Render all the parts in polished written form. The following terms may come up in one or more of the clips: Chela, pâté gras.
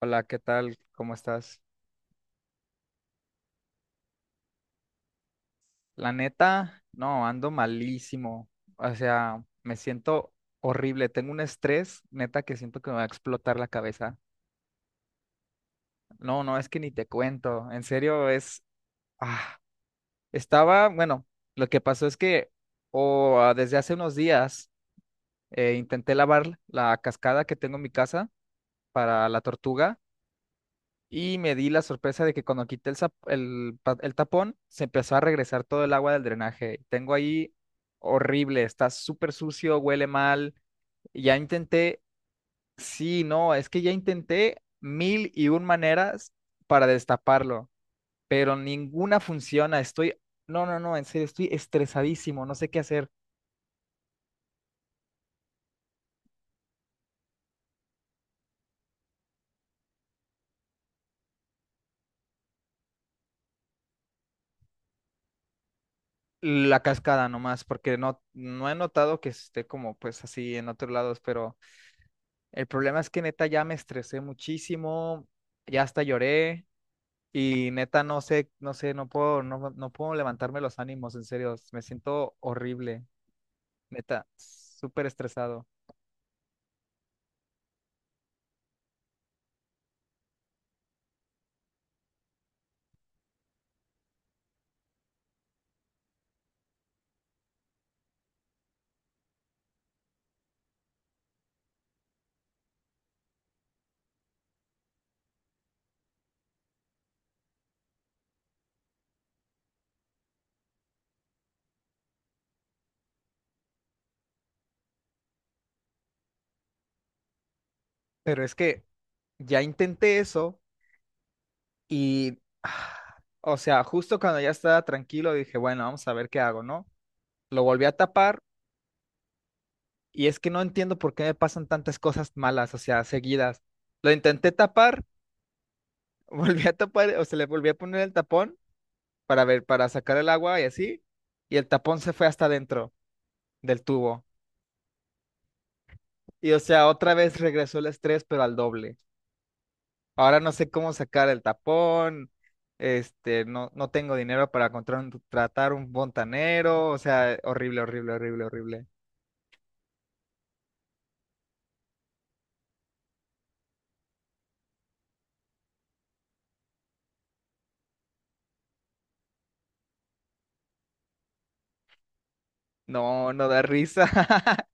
Hola, ¿qué tal? ¿Cómo estás? La neta, no, ando malísimo. O sea, me siento horrible. Tengo un estrés, neta, que siento que me va a explotar la cabeza. No, es que ni te cuento. En serio, es... Ah, estaba, bueno, lo que pasó es que desde hace unos días intenté lavar la cascada que tengo en mi casa para la tortuga. Y me di la sorpresa de que cuando quité el, zap- el, pa- el tapón, se empezó a regresar todo el agua del drenaje. Tengo ahí horrible, está súper sucio, huele mal. Ya intenté, sí, no, es que ya intenté mil y un maneras para destaparlo, pero ninguna funciona. Estoy, no, en serio, estoy estresadísimo, no sé qué hacer. La cascada nomás, porque no he notado que esté como pues así en otros lados, pero... El problema es que neta ya me estresé muchísimo, ya hasta lloré y neta no sé, no puedo levantarme los ánimos, en serio, me siento horrible, neta, súper estresado. Pero es que ya intenté eso y, o sea, justo cuando ya estaba tranquilo dije, bueno, vamos a ver qué hago, ¿no? Lo volví a tapar y es que no entiendo por qué me pasan tantas cosas malas, o sea, seguidas. Lo intenté tapar, volví a tapar, o sea, le volví a poner el tapón para ver, para sacar el agua y así, y el tapón se fue hasta adentro del tubo. Y o sea, otra vez regresó el estrés, pero al doble. Ahora no sé cómo sacar el tapón, este, no tengo dinero para tratar un fontanero, o sea, horrible, horrible, horrible, horrible. No, no da risa.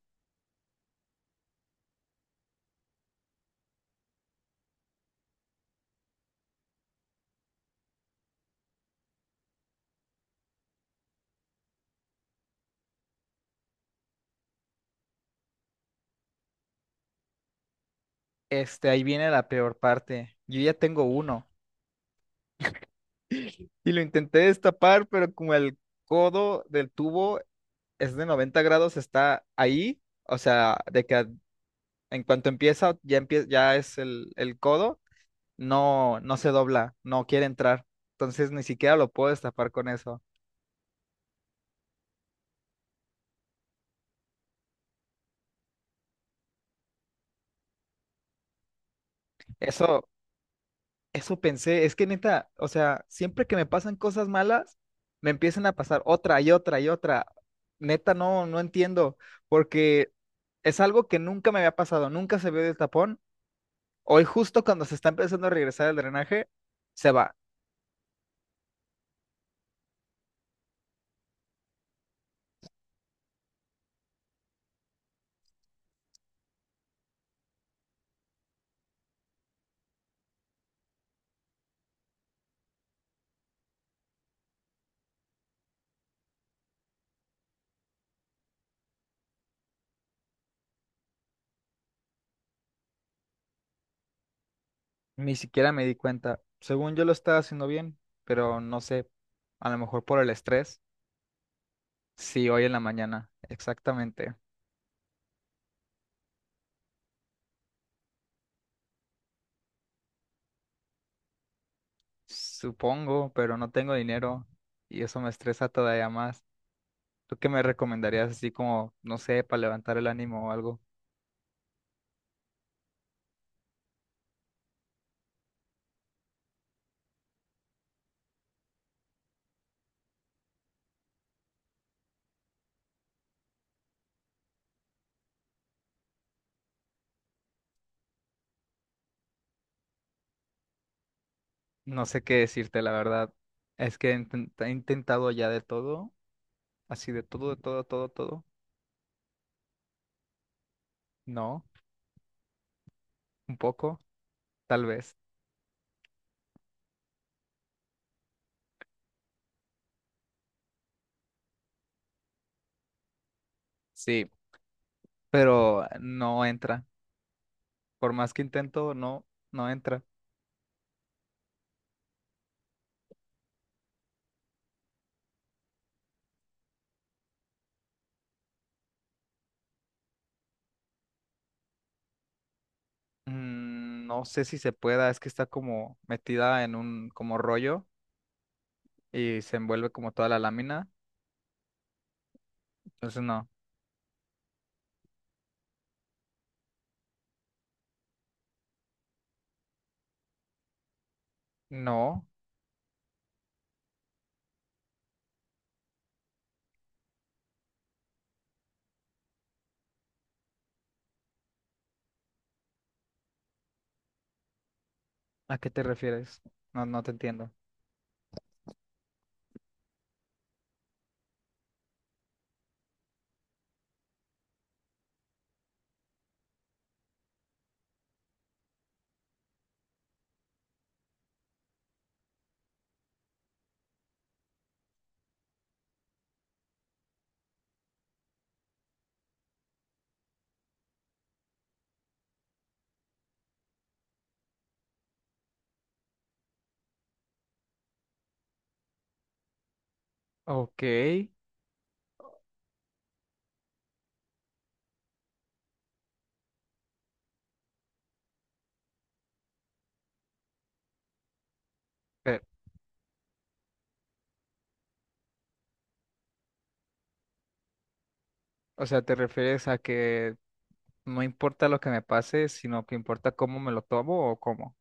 Este, ahí viene la peor parte. Yo ya tengo uno. Y lo intenté destapar, pero como el codo del tubo es de 90 grados, está ahí, o sea, de que en cuanto empieza, ya es el codo, no, no se dobla, no quiere entrar. Entonces ni siquiera lo puedo destapar con eso. Eso, eso pensé, es que neta, o sea, siempre que me pasan cosas malas, me empiezan a pasar otra y otra y otra. Neta, no entiendo, porque es algo que nunca me había pasado, nunca se vio del tapón. Hoy justo cuando se está empezando a regresar el drenaje, se va. Ni siquiera me di cuenta. Según yo lo estaba haciendo bien, pero no sé, a lo mejor por el estrés. Sí, hoy en la mañana, exactamente. Supongo, pero no tengo dinero y eso me estresa todavía más. ¿Tú qué me recomendarías así como, no sé, para levantar el ánimo o algo? No sé qué decirte, la verdad. Es que he intentado ya de todo, así de todo, todo, todo. No, un poco, tal vez. Sí, pero no entra. Por más que intento, no entra. Mm, no sé si se pueda, es que está como metida en un como rollo y se envuelve como toda la lámina. Entonces no. No. ¿A qué te refieres? No, no te entiendo. Ok, o sea, ¿te refieres a que no importa lo que me pase, sino que importa cómo me lo tomo o cómo?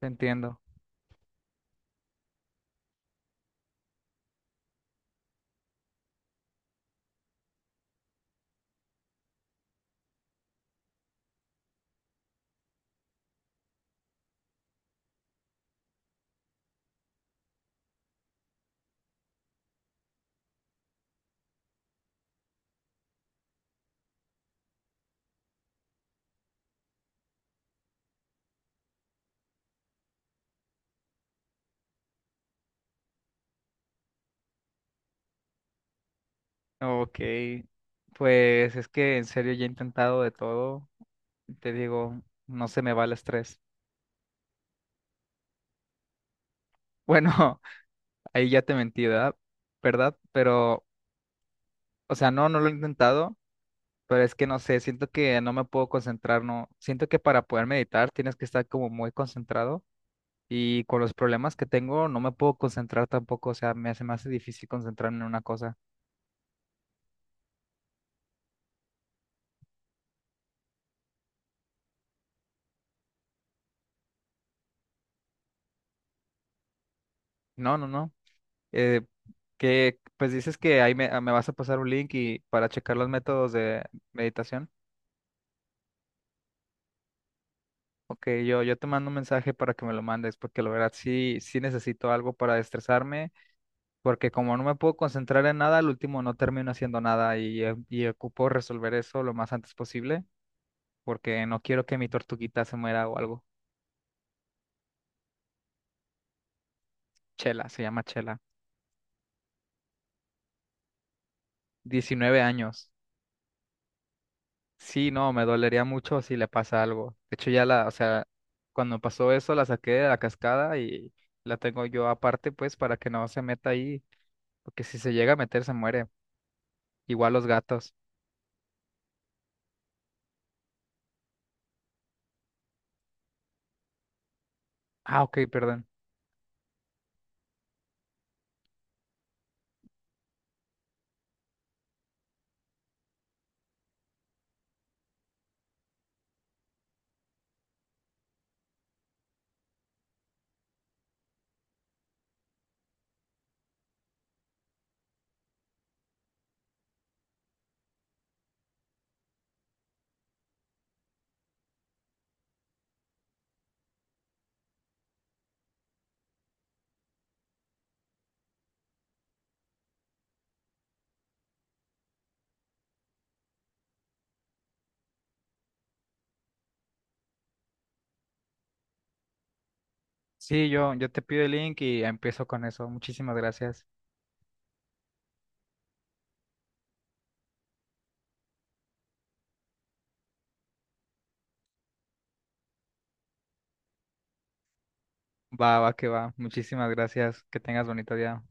Te entiendo. Ok. Pues es que en serio ya he intentado de todo. Te digo, no se me va el estrés. Bueno, ahí ya te mentí, ¿verdad? ¿Verdad? Pero o sea, no lo he intentado, pero es que no sé, siento que no me puedo concentrar, no. Siento que para poder meditar tienes que estar como muy concentrado y con los problemas que tengo no me puedo concentrar tampoco, o sea, se me hace difícil concentrarme en una cosa. No, no, no. Eh, que pues dices que ahí me vas a pasar un link y para checar los métodos de meditación. Ok, yo te mando un mensaje para que me lo mandes, porque la verdad sí, sí necesito algo para estresarme porque como no me puedo concentrar en nada, al último no termino haciendo nada y, y ocupo resolver eso lo más antes posible, porque no quiero que mi tortuguita se muera o algo. Chela, se llama Chela. 19 años. Sí, no, me dolería mucho si le pasa algo. De hecho, ya la, o sea, cuando pasó eso la saqué de la cascada y la tengo yo aparte, pues, para que no se meta ahí, porque si se llega a meter se muere. Igual los gatos. Ah, ok, perdón. Sí, yo te pido el link y empiezo con eso. Muchísimas gracias. Va, va, que va. Muchísimas gracias. Que tengas bonito día.